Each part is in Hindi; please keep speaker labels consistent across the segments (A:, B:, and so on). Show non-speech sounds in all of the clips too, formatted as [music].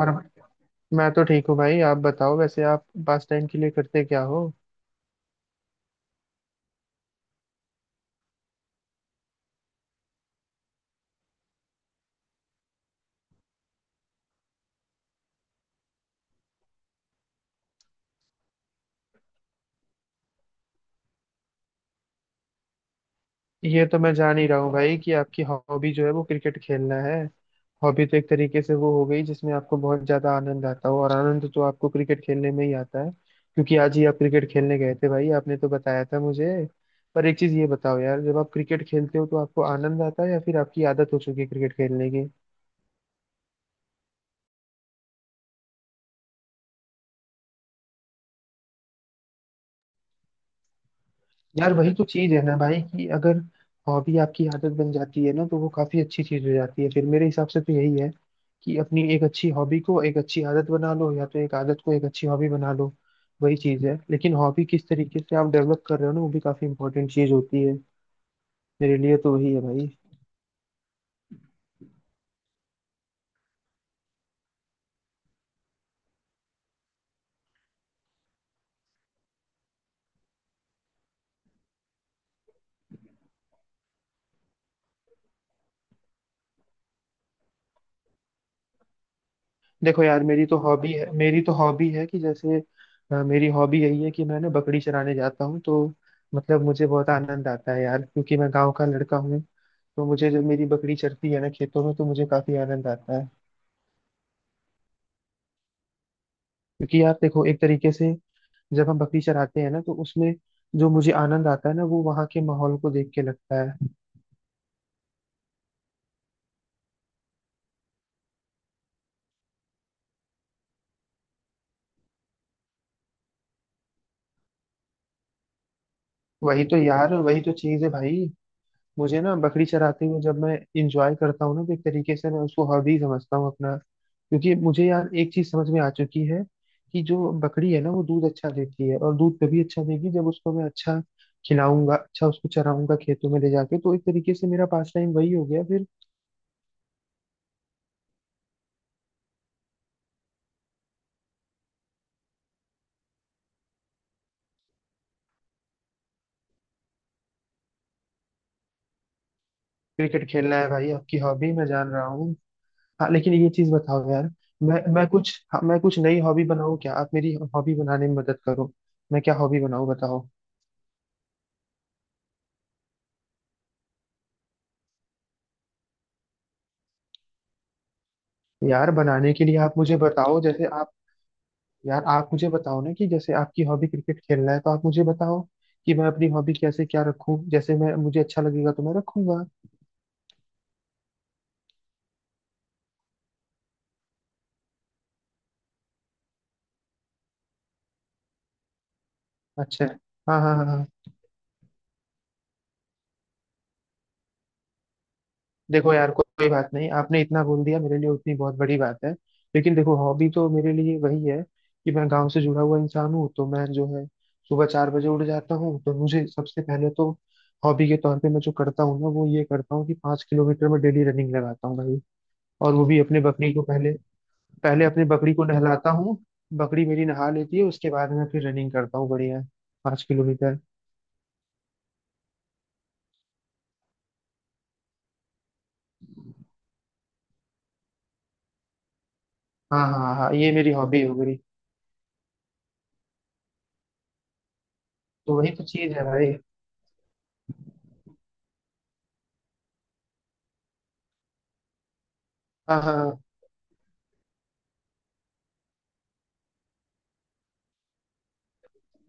A: और मैं तो ठीक हूँ भाई, आप बताओ। वैसे आप पास टाइम के लिए करते क्या हो? ये तो मैं जान ही रहा हूँ भाई कि आपकी हॉबी जो है वो क्रिकेट खेलना है। हॉबी तो एक तरीके से वो हो गई जिसमें आपको बहुत ज्यादा आनंद आता हो, और आनंद तो आपको क्रिकेट खेलने में ही आता है, क्योंकि आज ही आप क्रिकेट खेलने गए थे भाई, आपने तो बताया था मुझे। पर एक चीज ये बताओ यार, जब आप क्रिकेट खेलते हो तो आपको आनंद आता है या फिर आपकी आदत हो चुकी है क्रिकेट खेलने की? यार वही तो चीज है ना भाई कि अगर हॉबी आपकी आदत बन जाती है ना, तो वो काफी अच्छी चीज हो जाती है फिर। मेरे हिसाब से तो यही है कि अपनी एक अच्छी हॉबी को एक अच्छी आदत बना लो, या तो एक आदत को एक अच्छी हॉबी बना लो। वही चीज है, लेकिन हॉबी किस तरीके से आप डेवलप कर रहे हो ना, वो भी काफी इंपॉर्टेंट चीज होती है। मेरे लिए तो वही है भाई। देखो यार, मेरी तो हॉबी है कि जैसे मेरी हॉबी यही है कि मैं ना बकरी चराने जाता हूँ, तो मतलब मुझे बहुत आनंद आता है यार, क्योंकि मैं गांव का लड़का हूँ। तो मुझे जब मेरी बकरी चरती है ना खेतों में, तो मुझे काफी आनंद आता है। क्योंकि यार देखो, एक तरीके से जब हम बकरी चराते हैं ना, तो उसमें जो मुझे आनंद आता है ना, वो वहाँ के माहौल को देख के लगता है। वही तो चीज है भाई। मुझे ना बकरी चराते हुए जब मैं इंजॉय करता हूँ ना, तो एक तरीके से मैं उसको हॉबी समझता हूँ अपना, क्योंकि मुझे यार एक चीज समझ में आ चुकी है कि जो बकरी है ना, वो दूध अच्छा देती है, और दूध तभी अच्छा देगी जब उसको मैं अच्छा खिलाऊंगा, अच्छा उसको चराऊंगा, खेतों में ले जाके। तो एक तरीके से मेरा पास टाइम वही हो गया फिर। क्रिकेट खेलना है भाई आपकी हॉबी, मैं जान रहा हूँ। हाँ, लेकिन ये चीज बताओ यार, मैं कुछ हाँ, मैं कुछ नई हॉबी बनाऊँ क्या? आप मेरी हॉबी बनाने में मदद करो। मैं क्या हॉबी बनाऊँ बताओ? यार बनाने के लिए आप मुझे बताओ, जैसे आप यार आप मुझे बताओ ना कि जैसे आपकी हॉबी क्रिकेट खेलना है, तो आप मुझे बताओ कि मैं अपनी हॉबी कैसे क्या रखूँ। जैसे मैं मुझे अच्छा लगेगा तो मैं रखूंगा। अच्छा। हाँ हाँ हाँ हाँ। देखो यार, कोई बात नहीं, आपने इतना बोल दिया मेरे लिए उतनी बहुत बड़ी बात है। लेकिन देखो, हॉबी तो मेरे लिए वही है कि मैं गांव से जुड़ा हुआ इंसान हूँ, तो मैं जो है सुबह 4 बजे उठ जाता हूँ, तो मुझे सबसे पहले तो हॉबी के तौर पे मैं जो करता हूँ ना, वो ये करता हूँ कि पाँच किलोमीटर में डेली रनिंग लगाता हूँ भाई। और वो भी अपने बकरी को पहले, पहले अपने बकरी को नहलाता हूँ। बकरी मेरी नहा लेती है, उसके बाद मैं फिर रनिंग करता हूँ बढ़िया 5 किलोमीटर। हाँ हाँ हाँ, ये मेरी हॉबी हो गई। तो वही तो चीज है भाई। हाँ हाँ हाँ।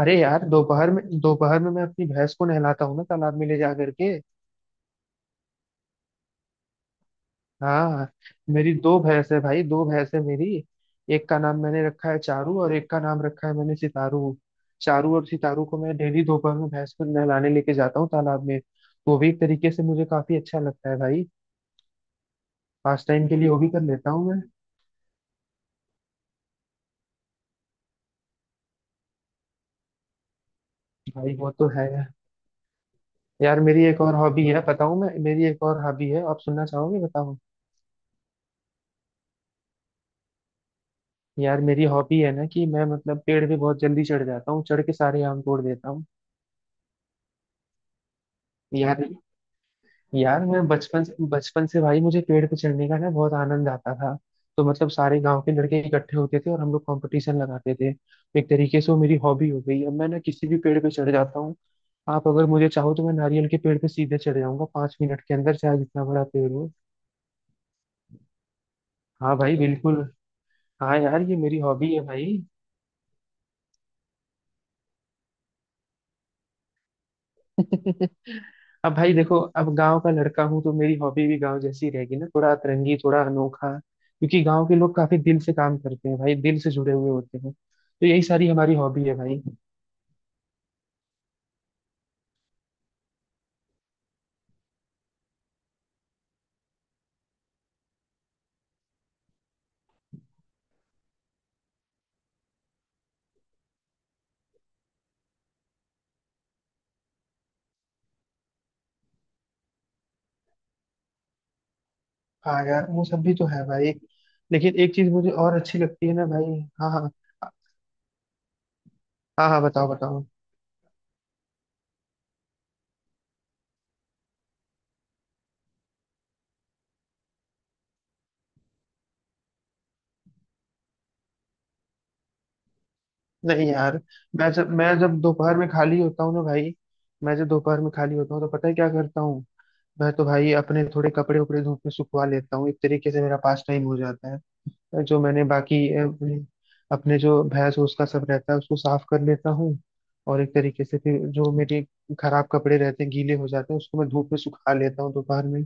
A: अरे यार, दोपहर में मैं अपनी भैंस को नहलाता हूँ ना तालाब में ले जा करके। हाँ, मेरी 2 भैंस है भाई, 2 भैंस है मेरी। एक का नाम मैंने रखा है चारू और एक का नाम रखा है मैंने सितारू। चारू और सितारू को मैं डेली दोपहर में भैंस को नहलाने लेके जाता हूँ तालाब में। वो भी एक तरीके से मुझे काफी अच्छा लगता है भाई, पास टाइम के लिए वो भी कर लेता हूँ मैं। भाई वो तो है। यार मेरी एक और हॉबी है, बताऊँ मैं? मेरी एक और हॉबी है, आप सुनना चाहोगे बताओ? यार मेरी हॉबी है ना कि मैं मतलब पेड़ पे बहुत जल्दी चढ़ जाता हूँ, चढ़ के सारे आम तोड़ देता हूँ। यार यार मैं बचपन से भाई, मुझे पेड़ पे चढ़ने का ना बहुत आनंद आता था। तो मतलब सारे गांव के लड़के इकट्ठे होते थे और हम लोग कंपटीशन लगाते थे, तो एक तरीके से वो मेरी हॉबी हो गई। अब मैं ना किसी भी पेड़ पे चढ़ जाता हूँ। आप अगर मुझे चाहो तो मैं नारियल के पेड़ पे सीधे चढ़ जाऊंगा 5 मिनट के अंदर, चाहे जितना बड़ा पेड़ हो। हाँ भाई बिल्कुल। हाँ यार, ये मेरी हॉबी है भाई। [laughs] अब भाई देखो, अब गांव का लड़का हूँ तो मेरी हॉबी भी गांव जैसी रहेगी ना, थोड़ा अतरंगी, थोड़ा अनोखा। क्योंकि गांव के लोग काफी दिल से काम करते हैं भाई, दिल से जुड़े हुए होते हैं, तो यही सारी हमारी हॉबी है भाई। हाँ यार, वो सब भी तो है भाई। लेकिन एक चीज मुझे और अच्छी लगती है ना भाई। हाँ हाँ हाँ हाँ, बताओ बताओ। नहीं यार, मैं जब दोपहर में खाली होता हूँ ना भाई, मैं जब दोपहर में खाली होता हूँ तो पता है क्या करता हूँ? मैं तो भाई अपने थोड़े कपड़े उपड़े धूप में सुखवा लेता हूँ, एक तरीके से मेरा पास टाइम हो जाता है। जो मैंने बाकी अपने जो भैंस भूस का सब रहता है उसको साफ कर लेता हूँ। और एक तरीके से फिर जो मेरे खराब कपड़े रहते हैं, गीले हो जाते हैं, उसको मैं धूप में सुखा लेता हूँ दोपहर में।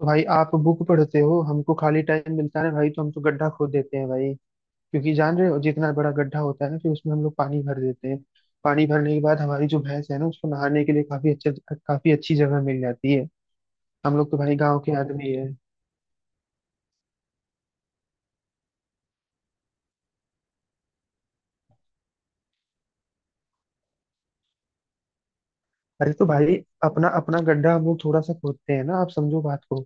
A: तो भाई आप बुक पढ़ते हो, हमको खाली टाइम मिलता है भाई तो हम तो गड्ढा खोद देते हैं भाई। क्योंकि जान रहे हो, जितना बड़ा गड्ढा होता है ना, फिर उसमें हम लोग पानी भर देते हैं। पानी भरने के बाद हमारी जो भैंस है ना, उसको नहाने के लिए काफी अच्छा, काफी अच्छी जगह मिल जाती है। हम लोग तो भाई गाँव के आदमी है। अरे तो भाई, अपना अपना गड्ढा हम लोग थोड़ा सा खोदते हैं ना, आप समझो बात को।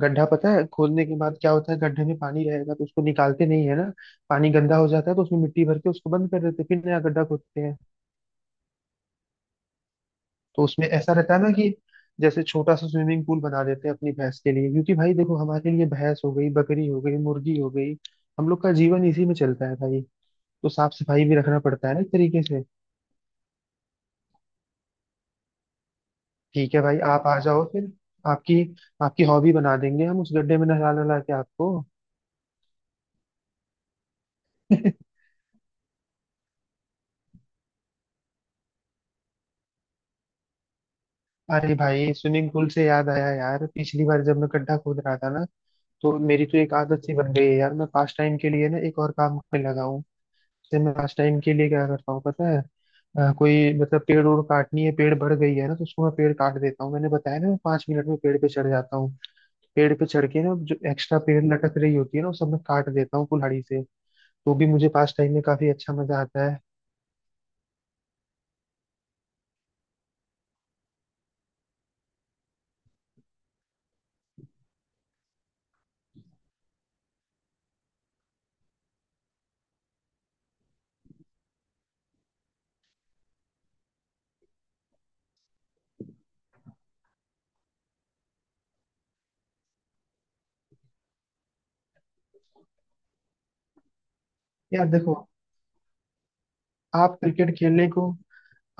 A: गड्ढा पता है खोदने के बाद क्या होता है? गड्ढे में पानी रहेगा, तो उसको निकालते नहीं है ना। पानी गंदा हो जाता है, तो उसमें मिट्टी भर के उसको बंद कर देते हैं, फिर नया गड्ढा खोदते हैं। तो उसमें ऐसा रहता है ना कि जैसे छोटा सा स्विमिंग पूल बना देते हैं अपनी भैंस के लिए। क्योंकि भाई देखो, हमारे लिए भैंस हो गई, बकरी हो गई, मुर्गी हो गई, हम लोग का जीवन इसी में चलता है भाई। तो साफ सफाई भी रखना पड़ता है ना, एक तरीके से। ठीक है भाई, आप आ जाओ फिर। आपकी आपकी हॉबी बना देंगे हम, उस गड्ढे में नहला नहला के आपको। अरे भाई, स्विमिंग पूल से याद आया यार, पिछली बार जब मैं गड्ढा खोद रहा था ना, तो मेरी तो एक आदत सी बन गई है यार, मैं पास टाइम के लिए ना एक और काम में लगा हूँ। जैसे मैं पास टाइम के लिए क्या करता हूँ पता है? कोई मतलब पेड़ ओड़ काटनी है, पेड़ बढ़ गई है ना, तो उसको मैं पेड़ काट देता हूँ। मैंने बताया ना मैं 5 मिनट में पेड़ पे चढ़ जाता हूँ। पेड़ पे चढ़ के ना जो एक्स्ट्रा पेड़ लटक रही होती है ना, वो सब मैं काट देता हूँ कुल्हाड़ी से। तो भी मुझे पास टाइम में काफी अच्छा मजा आता है। यार देखो, आप क्रिकेट खेलने को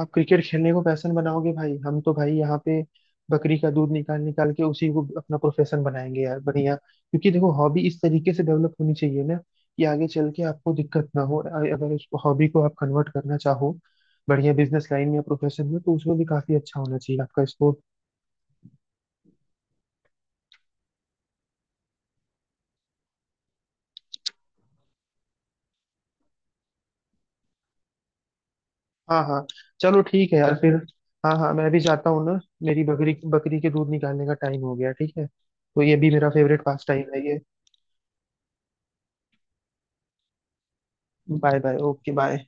A: आप क्रिकेट खेलने को पैशन बनाओगे भाई, हम तो भाई यहाँ पे बकरी का दूध निकाल निकाल के उसी को अपना प्रोफेशन बनाएंगे यार, बढ़िया। क्योंकि देखो हॉबी इस तरीके से डेवलप होनी चाहिए ना कि आगे चल के आपको दिक्कत ना हो। अगर उस हॉबी को आप कन्वर्ट करना चाहो बढ़िया बिजनेस लाइन में या प्रोफेशन में, तो उसमें भी काफी अच्छा होना चाहिए आपका स्कोप। हाँ हाँ, चलो ठीक है यार फिर। हाँ हाँ, मैं भी जाता हूँ ना, मेरी बकरी बकरी के दूध निकालने का टाइम हो गया। ठीक है, तो ये भी मेरा फेवरेट पास टाइम है ये। Bye bye, okay bye.